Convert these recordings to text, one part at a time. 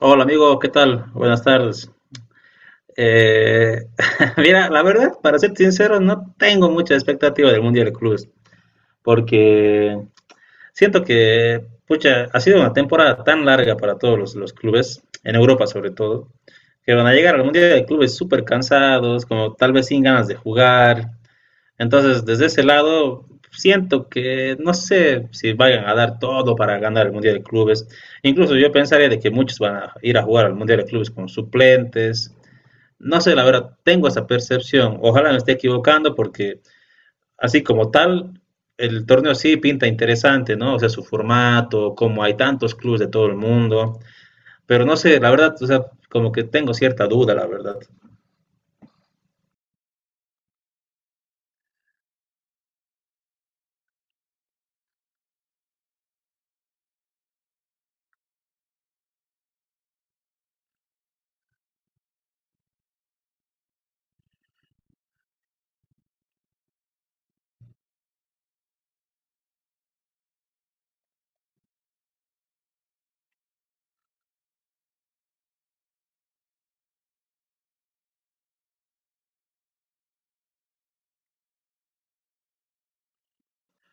Hola amigo, ¿qué tal? Buenas tardes. Eh, mira, la verdad, para ser sincero, no tengo mucha expectativa del Mundial de Clubes, porque siento que, pucha, ha sido una temporada tan larga para todos los clubes, en Europa sobre todo, que van a llegar al Mundial de Clubes súper cansados, como tal vez sin ganas de jugar. Entonces, desde ese lado, siento que no sé si vayan a dar todo para ganar el Mundial de Clubes. Incluso yo pensaría de que muchos van a ir a jugar al Mundial de Clubes con suplentes. No sé, la verdad, tengo esa percepción. Ojalá me esté equivocando, porque así como tal, el torneo sí pinta interesante, ¿no? O sea, su formato, como hay tantos clubes de todo el mundo. Pero no sé, la verdad, o sea, como que tengo cierta duda, la verdad.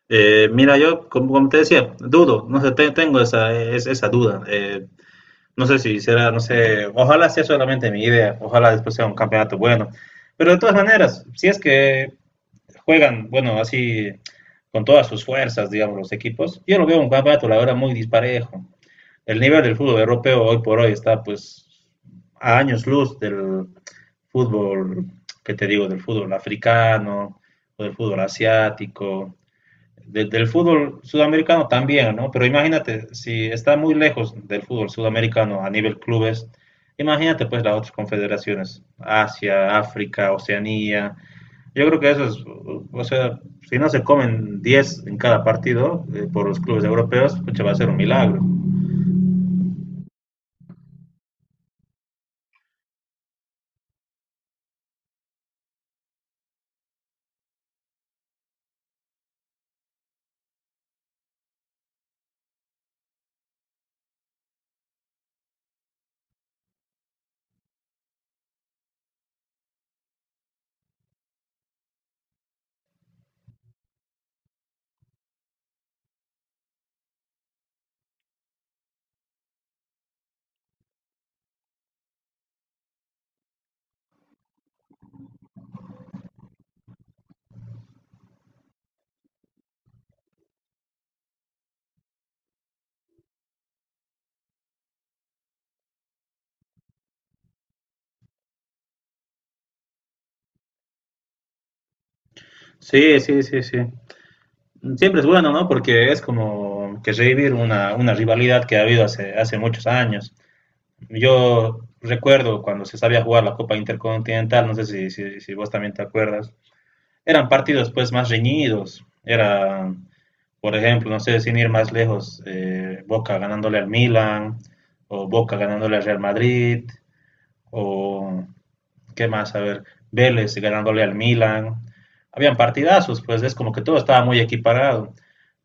Mira, yo, como, como te decía, dudo, no sé, tengo esa, esa duda. No sé si será, no sé, ojalá sea solamente mi idea, ojalá después sea un campeonato bueno. Pero de todas maneras, si es que juegan, bueno, así con todas sus fuerzas, digamos, los equipos, yo lo veo un campeonato, la verdad, muy disparejo. El nivel del fútbol europeo hoy por hoy está, pues, a años luz del fútbol, que te digo, del fútbol africano o del fútbol asiático, del fútbol sudamericano también, ¿no? Pero imagínate, si está muy lejos del fútbol sudamericano a nivel clubes, imagínate pues las otras confederaciones, Asia, África, Oceanía. Yo creo que eso es, o sea, si no se comen 10 en cada partido por los clubes europeos, pucha, va a ser un milagro. Sí, sí, sí, sí. Siempre es bueno, ¿no? Porque es como que revivir una rivalidad que ha habido hace muchos años. Yo recuerdo cuando se sabía jugar la Copa Intercontinental, no sé si vos también te acuerdas. Eran partidos pues más reñidos, era, por ejemplo, no sé, sin ir más lejos, Boca ganándole al Milan, o Boca ganándole al Real Madrid, o qué más, a ver, Vélez ganándole al Milan. Habían partidazos, pues es como que todo estaba muy equiparado,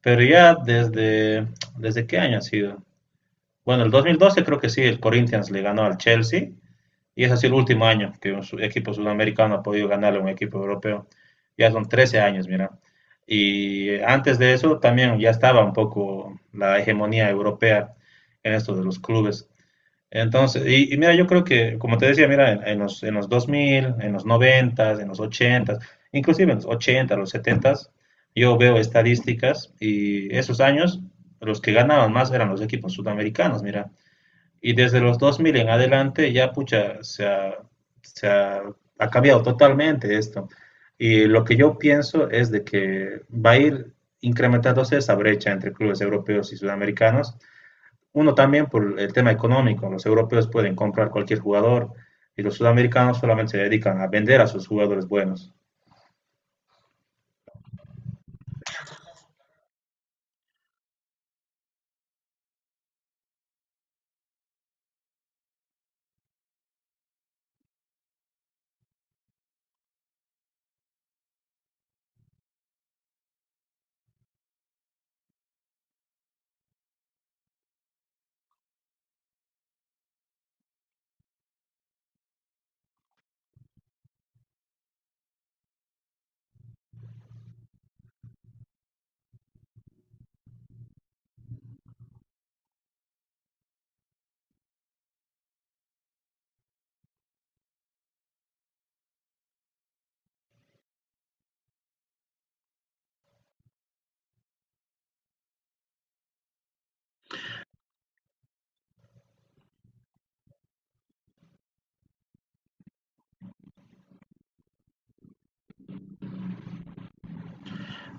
pero ya desde, ¿desde qué año ha sido? Bueno, el 2012 creo que sí, el Corinthians le ganó al Chelsea, y es así el último año que un equipo sudamericano ha podido ganarle a un equipo europeo. Ya son 13 años, mira. Y antes de eso también ya estaba un poco la hegemonía europea en esto de los clubes. Entonces, y mira, yo creo que, como te decía, mira, en, en los dos mil, en los 90, en los 80, inclusive en los 80, los 70, yo veo estadísticas y esos años los que ganaban más eran los equipos sudamericanos, mira. Y desde los 2000 en adelante ya, pucha, se ha, ha cambiado totalmente esto. Y lo que yo pienso es de que va a ir incrementándose esa brecha entre clubes europeos y sudamericanos. Uno también por el tema económico. Los europeos pueden comprar cualquier jugador y los sudamericanos solamente se dedican a vender a sus jugadores buenos.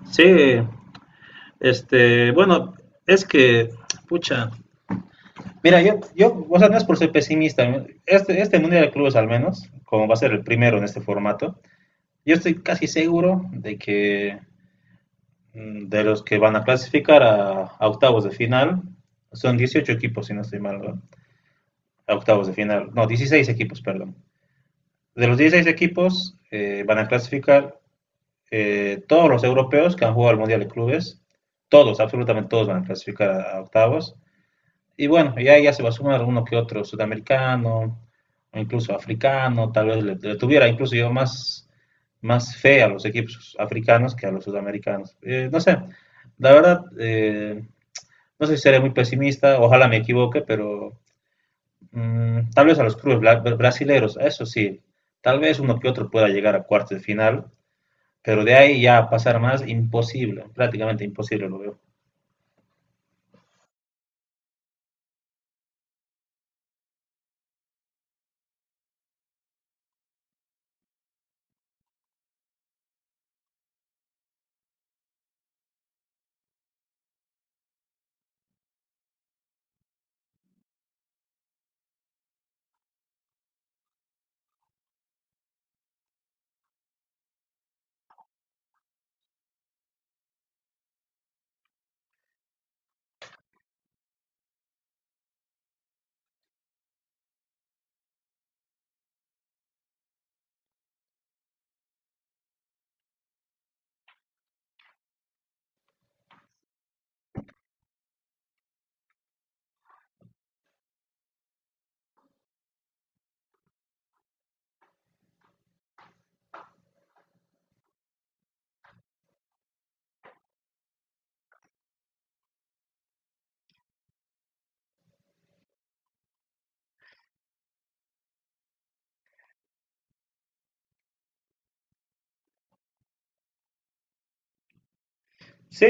Sí, este, bueno, es que, pucha, mira, yo, o sea, no es por ser pesimista, ¿no? Este Mundial de Clubes, al menos, como va a ser el primero en este formato, yo estoy casi seguro de que de los que van a clasificar a octavos de final, son 18 equipos, si no estoy mal, ¿no? A octavos de final, no, 16 equipos, perdón. De los 16 equipos van a clasificar todos los europeos que han jugado al Mundial de Clubes. Todos, absolutamente todos van a clasificar a octavos. Y bueno, ya, se va a sumar uno que otro sudamericano, o incluso africano. Tal vez le tuviera incluso yo más, más fe a los equipos africanos que a los sudamericanos. No sé, la verdad, no sé si seré muy pesimista, ojalá me equivoque, pero tal vez a los clubes brasileños, eso sí, tal vez uno que otro pueda llegar a cuartos de final, pero de ahí ya a pasar más, imposible, prácticamente imposible lo veo. Sí,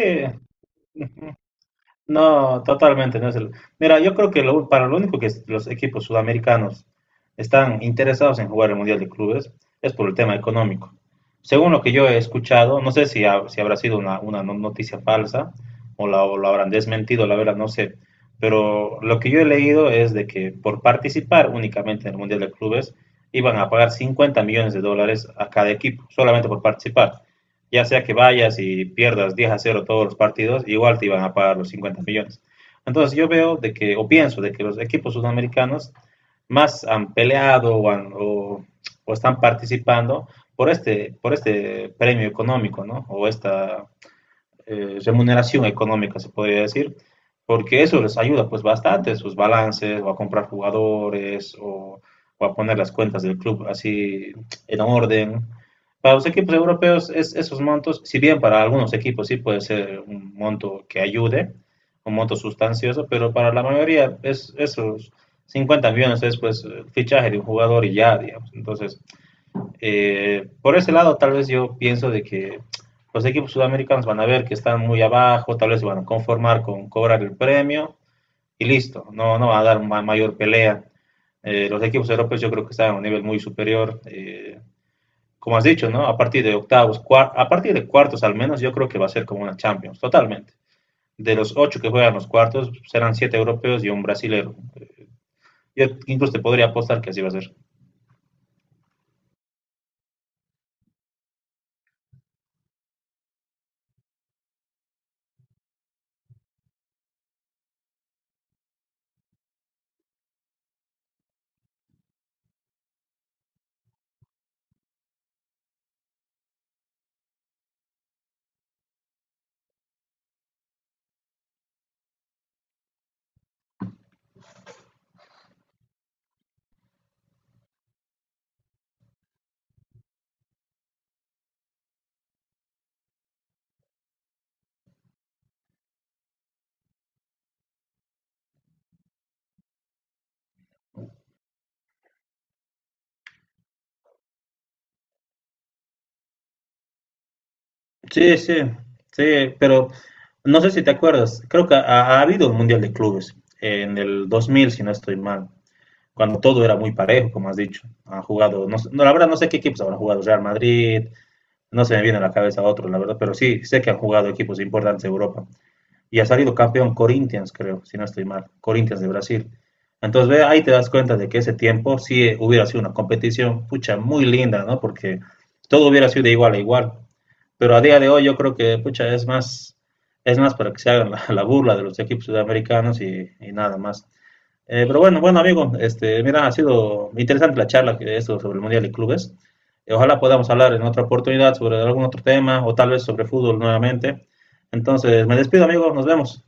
no, totalmente no es el. Mira, yo creo que para lo único que los equipos sudamericanos están interesados en jugar el Mundial de Clubes es por el tema económico. Según lo que yo he escuchado, no sé si, si habrá sido una, noticia falsa, o la habrán desmentido, la verdad no sé. Pero lo que yo he leído es de que por participar únicamente en el Mundial de Clubes iban a pagar 50 millones de dólares a cada equipo, solamente por participar, ya sea que vayas y pierdas 10-0 todos los partidos, igual te iban a pagar los 50 millones. Entonces yo veo de que, o pienso de que los equipos sudamericanos más han peleado o, han, o están participando por este premio económico, ¿no? O esta, remuneración económica, se podría decir, porque eso les ayuda pues bastante, sus balances, o a comprar jugadores, o a poner las cuentas del club así en orden. Para los equipos europeos, es, esos montos, si bien para algunos equipos sí puede ser un monto que ayude, un monto sustancioso, pero para la mayoría es esos 50 millones es pues el fichaje de un jugador y ya, digamos. Entonces, por ese lado, tal vez yo pienso de que los equipos sudamericanos van a ver que están muy abajo, tal vez se van a conformar con cobrar el premio y listo, no, no va a dar ma mayor pelea. Los equipos europeos yo creo que están a un nivel muy superior. Como has dicho, ¿no? A partir de octavos, a partir de cuartos al menos, yo creo que va a ser como una Champions, totalmente. De los ocho que juegan los cuartos, serán siete europeos y un brasilero. Yo incluso te podría apostar que así va a ser. Sí, sí, sí, pero no sé si te acuerdas, creo que ha, habido un Mundial de Clubes en el 2000, si no estoy mal, cuando todo era muy parejo, como has dicho. Han jugado, no, la verdad no sé qué equipos habrán jugado. Real Madrid, no se me viene a la cabeza otro, la verdad, pero sí sé que han jugado equipos importantes de Europa y ha salido campeón Corinthians, creo, si no estoy mal, Corinthians de Brasil. Entonces, ve, ahí te das cuenta de que ese tiempo sí hubiera sido una competición, pucha, muy linda, ¿no? Porque todo hubiera sido de igual a igual. Pero a día de hoy yo creo que, pucha, es más para que se hagan la burla de los equipos sudamericanos y nada más. Pero bueno, bueno amigo, este, mira, ha sido interesante la charla que esto sobre el Mundial de Clubes. Ojalá podamos hablar en otra oportunidad sobre algún otro tema o tal vez sobre fútbol nuevamente. Entonces, me despido, amigo, nos vemos.